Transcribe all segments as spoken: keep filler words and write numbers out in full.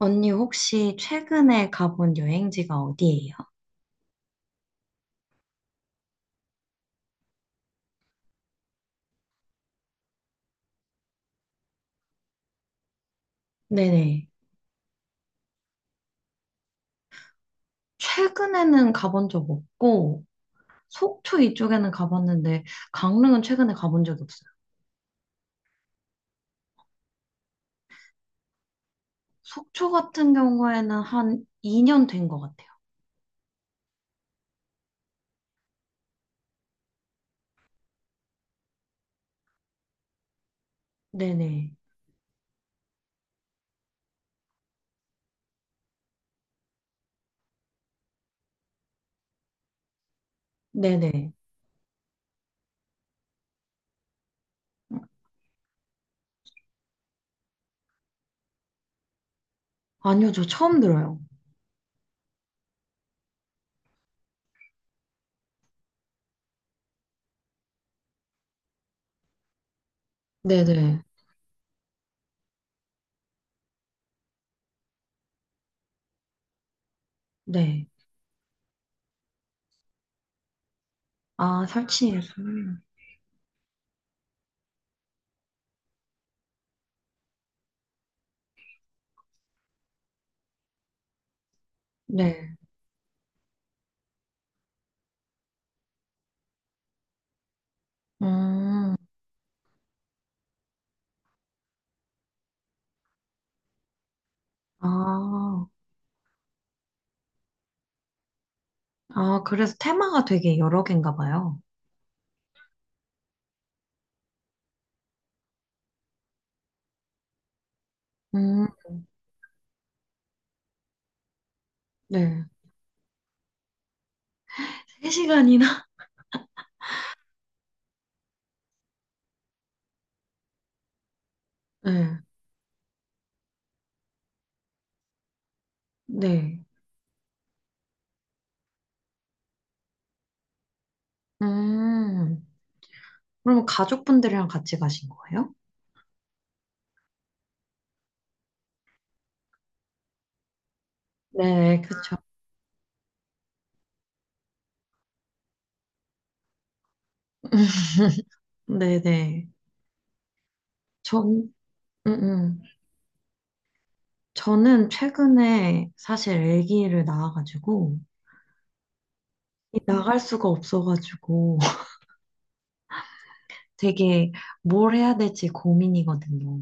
언니 혹시 최근에 가본 여행지가 어디예요? 네네. 최근에는 가본 적 없고, 속초 이쪽에는 가봤는데, 강릉은 최근에 가본 적이 없어요. 속초 같은 경우에는 한 이 년 된 것 같아요. 네네. 네네. 아니요, 저 처음 들어요. 네네. 네. 아, 설치해서. 네. 음, 아, 아, 그래서 테마가 되게 여러 개인가 봐요. 음, 네. 세 시간이나? 네. 네. 음, 그럼 가족분들이랑 같이 가신 거예요? 네, 그쵸. 네네. 전, 음, 음. 저는 최근에 사실 아기를 낳아가지고, 이 나갈 수가 없어가지고, 되게 뭘 해야 될지 고민이거든요.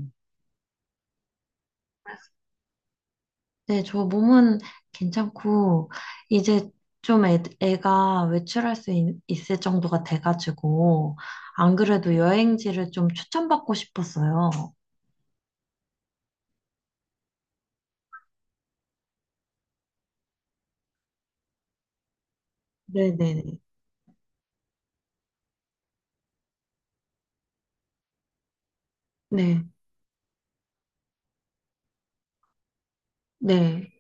네, 저 몸은 괜찮고, 이제 좀 애, 애가 외출할 수 있, 있을 정도가 돼가지고, 안 그래도 여행지를 좀 추천받고 싶었어요. 네네네. 네, 네.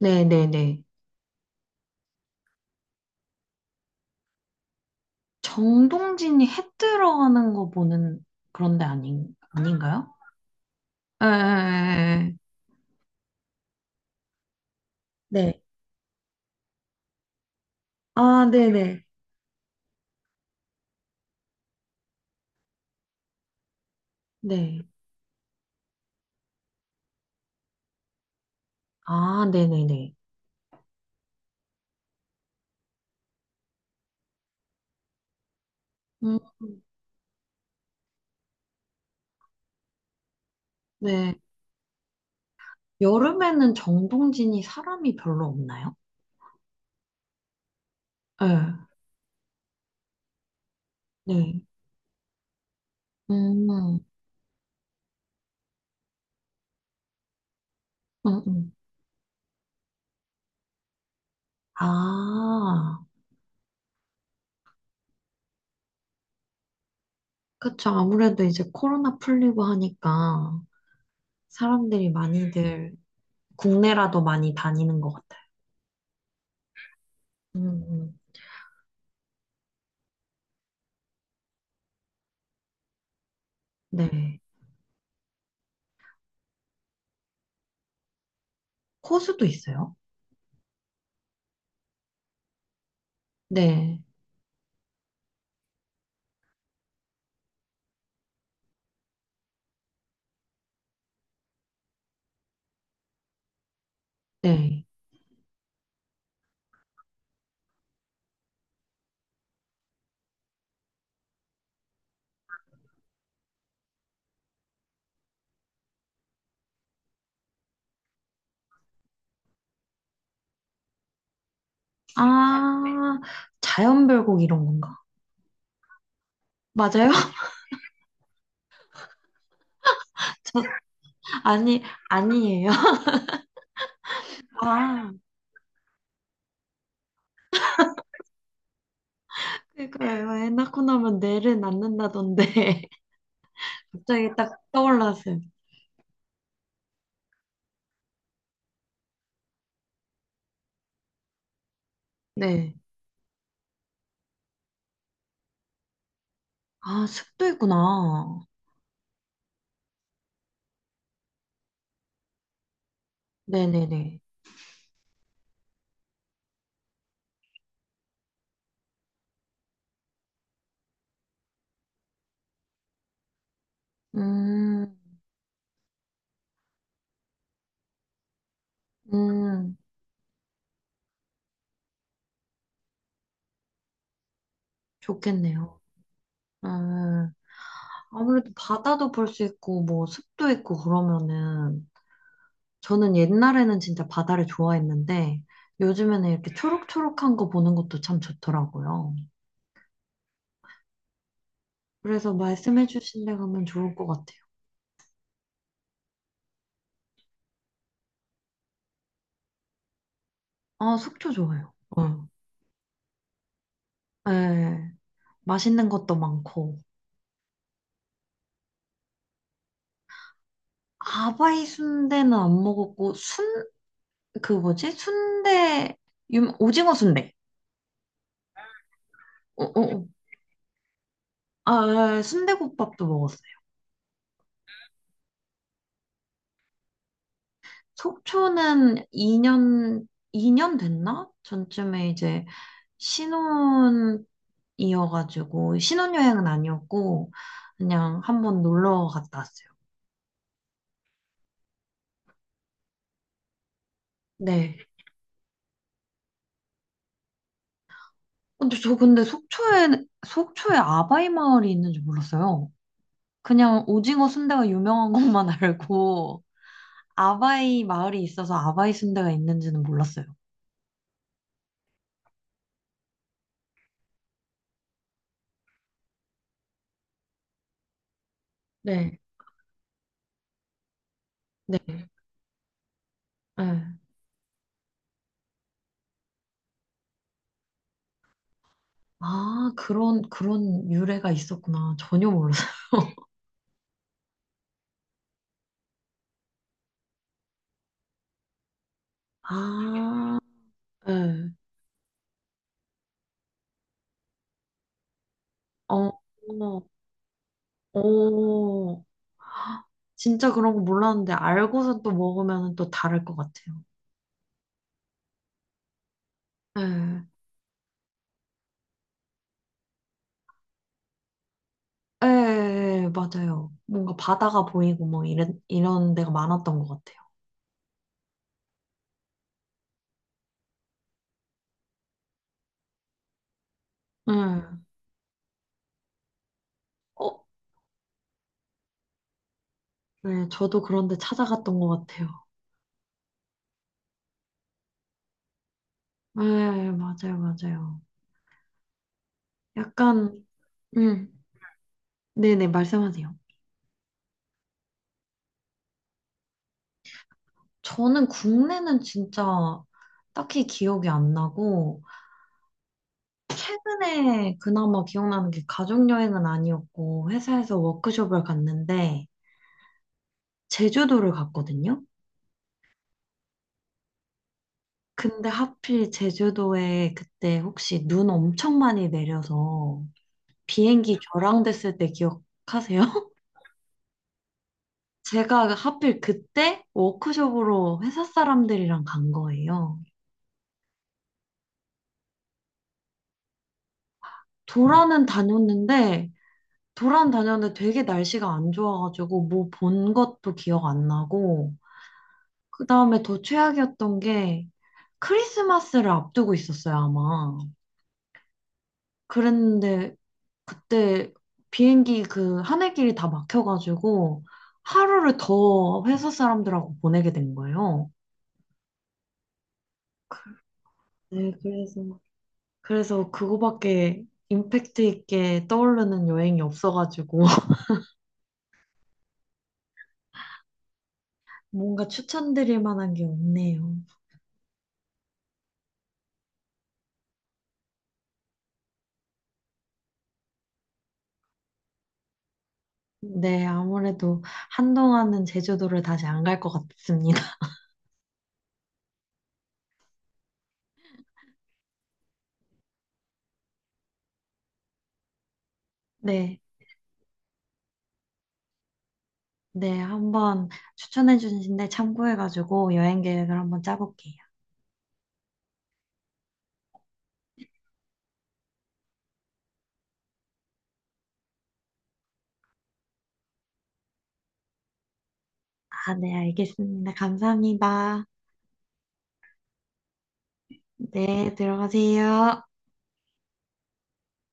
네네네. 정동진이 해 들어가는 거 보는 그런 데 아닌, 아닌가요? 에, 에, 에, 네. 아, 네네. 네. 아, 네네네. 음, 네. 여름에는 정동진이 사람이 별로 없나요? 네. 네. 음, 음, 음. 아, 그쵸. 아무래도 이제 코로나 풀리고 하니까 사람들이 많이들 국내라도 많이 다니는 것 같아요. 음, 음. 네. 호수도 있어요? 네, 네. 아, 자연별곡 이런 건가? 맞아요? 저, 아니, 아니에요. 아, 그러니까요. 애 낳고 나면 뇌를 낳는다던데. 갑자기 딱 떠올랐어요. 네. 아, 습도 있구나. 네네네. 음, 음, 좋겠네요. 음, 아무래도 바다도 볼 수 있고, 뭐, 습도 있고, 그러면은, 저는 옛날에는 진짜 바다를 좋아했는데 요즘에는 이렇게 초록초록한 거 보는 것도 참 좋더라고요. 그래서 말씀해주신 데 가면 좋을 것 같아요. 아, 속초 좋아요. 어. 네, 맛있는 것도 많고. 아바이 순대는 안 먹었고, 순, 그 뭐지? 순대, 유, 오징어 순대. 어, 어, 어. 아, 예, 순대국밥도 먹었어요. 속초는 이 년, 이 년 됐나? 전쯤에 이제 신혼 이어가지고 신혼여행은 아니었고 그냥 한번 놀러 갔다 왔어요. 네. 근데 저 근데 속초에 속초에 아바이 마을이 있는 줄 몰랐어요. 그냥 오징어 순대가 유명한 것만 알고 아바이 마을이 있어서 아바이 순대가 있는지는 몰랐어요. 네. 네. 네. 아, 그런 그런 유래가 있었구나. 전혀 몰랐어요. 아, 네. 어, 어, 어. 진짜 그런 거 몰랐는데 알고서 또 먹으면 또 다를 것 같아요. 예, 예, 예, 예, 맞아요. 뭔가 바다가 보이고 뭐 이런, 이런 데가 많았던 것 같아요. 예, 어, 네, 저도 그런데 찾아갔던 것 같아요. 예, 맞아요, 맞아요. 약간, 음, 네네, 말씀하세요. 저는 국내는 진짜 딱히 기억이 안 나고, 최근에 그나마 기억나는 게 가족여행은 아니었고, 회사에서 워크숍을 갔는데, 제주도를 갔거든요. 근데 하필 제주도에 그때 혹시 눈 엄청 많이 내려서 비행기 결항됐을 때 기억하세요? 제가 하필 그때 워크숍으로 회사 사람들이랑 간 거예요. 도라는 다녔는데, 도라는 다녔는데 되게 날씨가 안 좋아가지고 뭐 본 것도 기억 안 나고, 그 다음에 더 최악이었던 게 크리스마스를 앞두고 있었어요, 아마. 그랬는데 그때 비행기 그 하늘길이 다 막혀가지고 하루를 더 회사 사람들하고 보내게 된 거예요. 그- 네, 그래서 그래서 그거밖에 임팩트 있게 떠오르는 여행이 없어가지고 뭔가 추천드릴 만한 게 없네요. 네, 아무래도 한동안은 제주도를 다시 안 갈 것 같습니다. 네, 네, 한번 추천해 주신데 참고해가지고 여행 계획을 한번 짜볼게요. 아, 네, 알겠습니다. 감사합니다. 네, 들어가세요.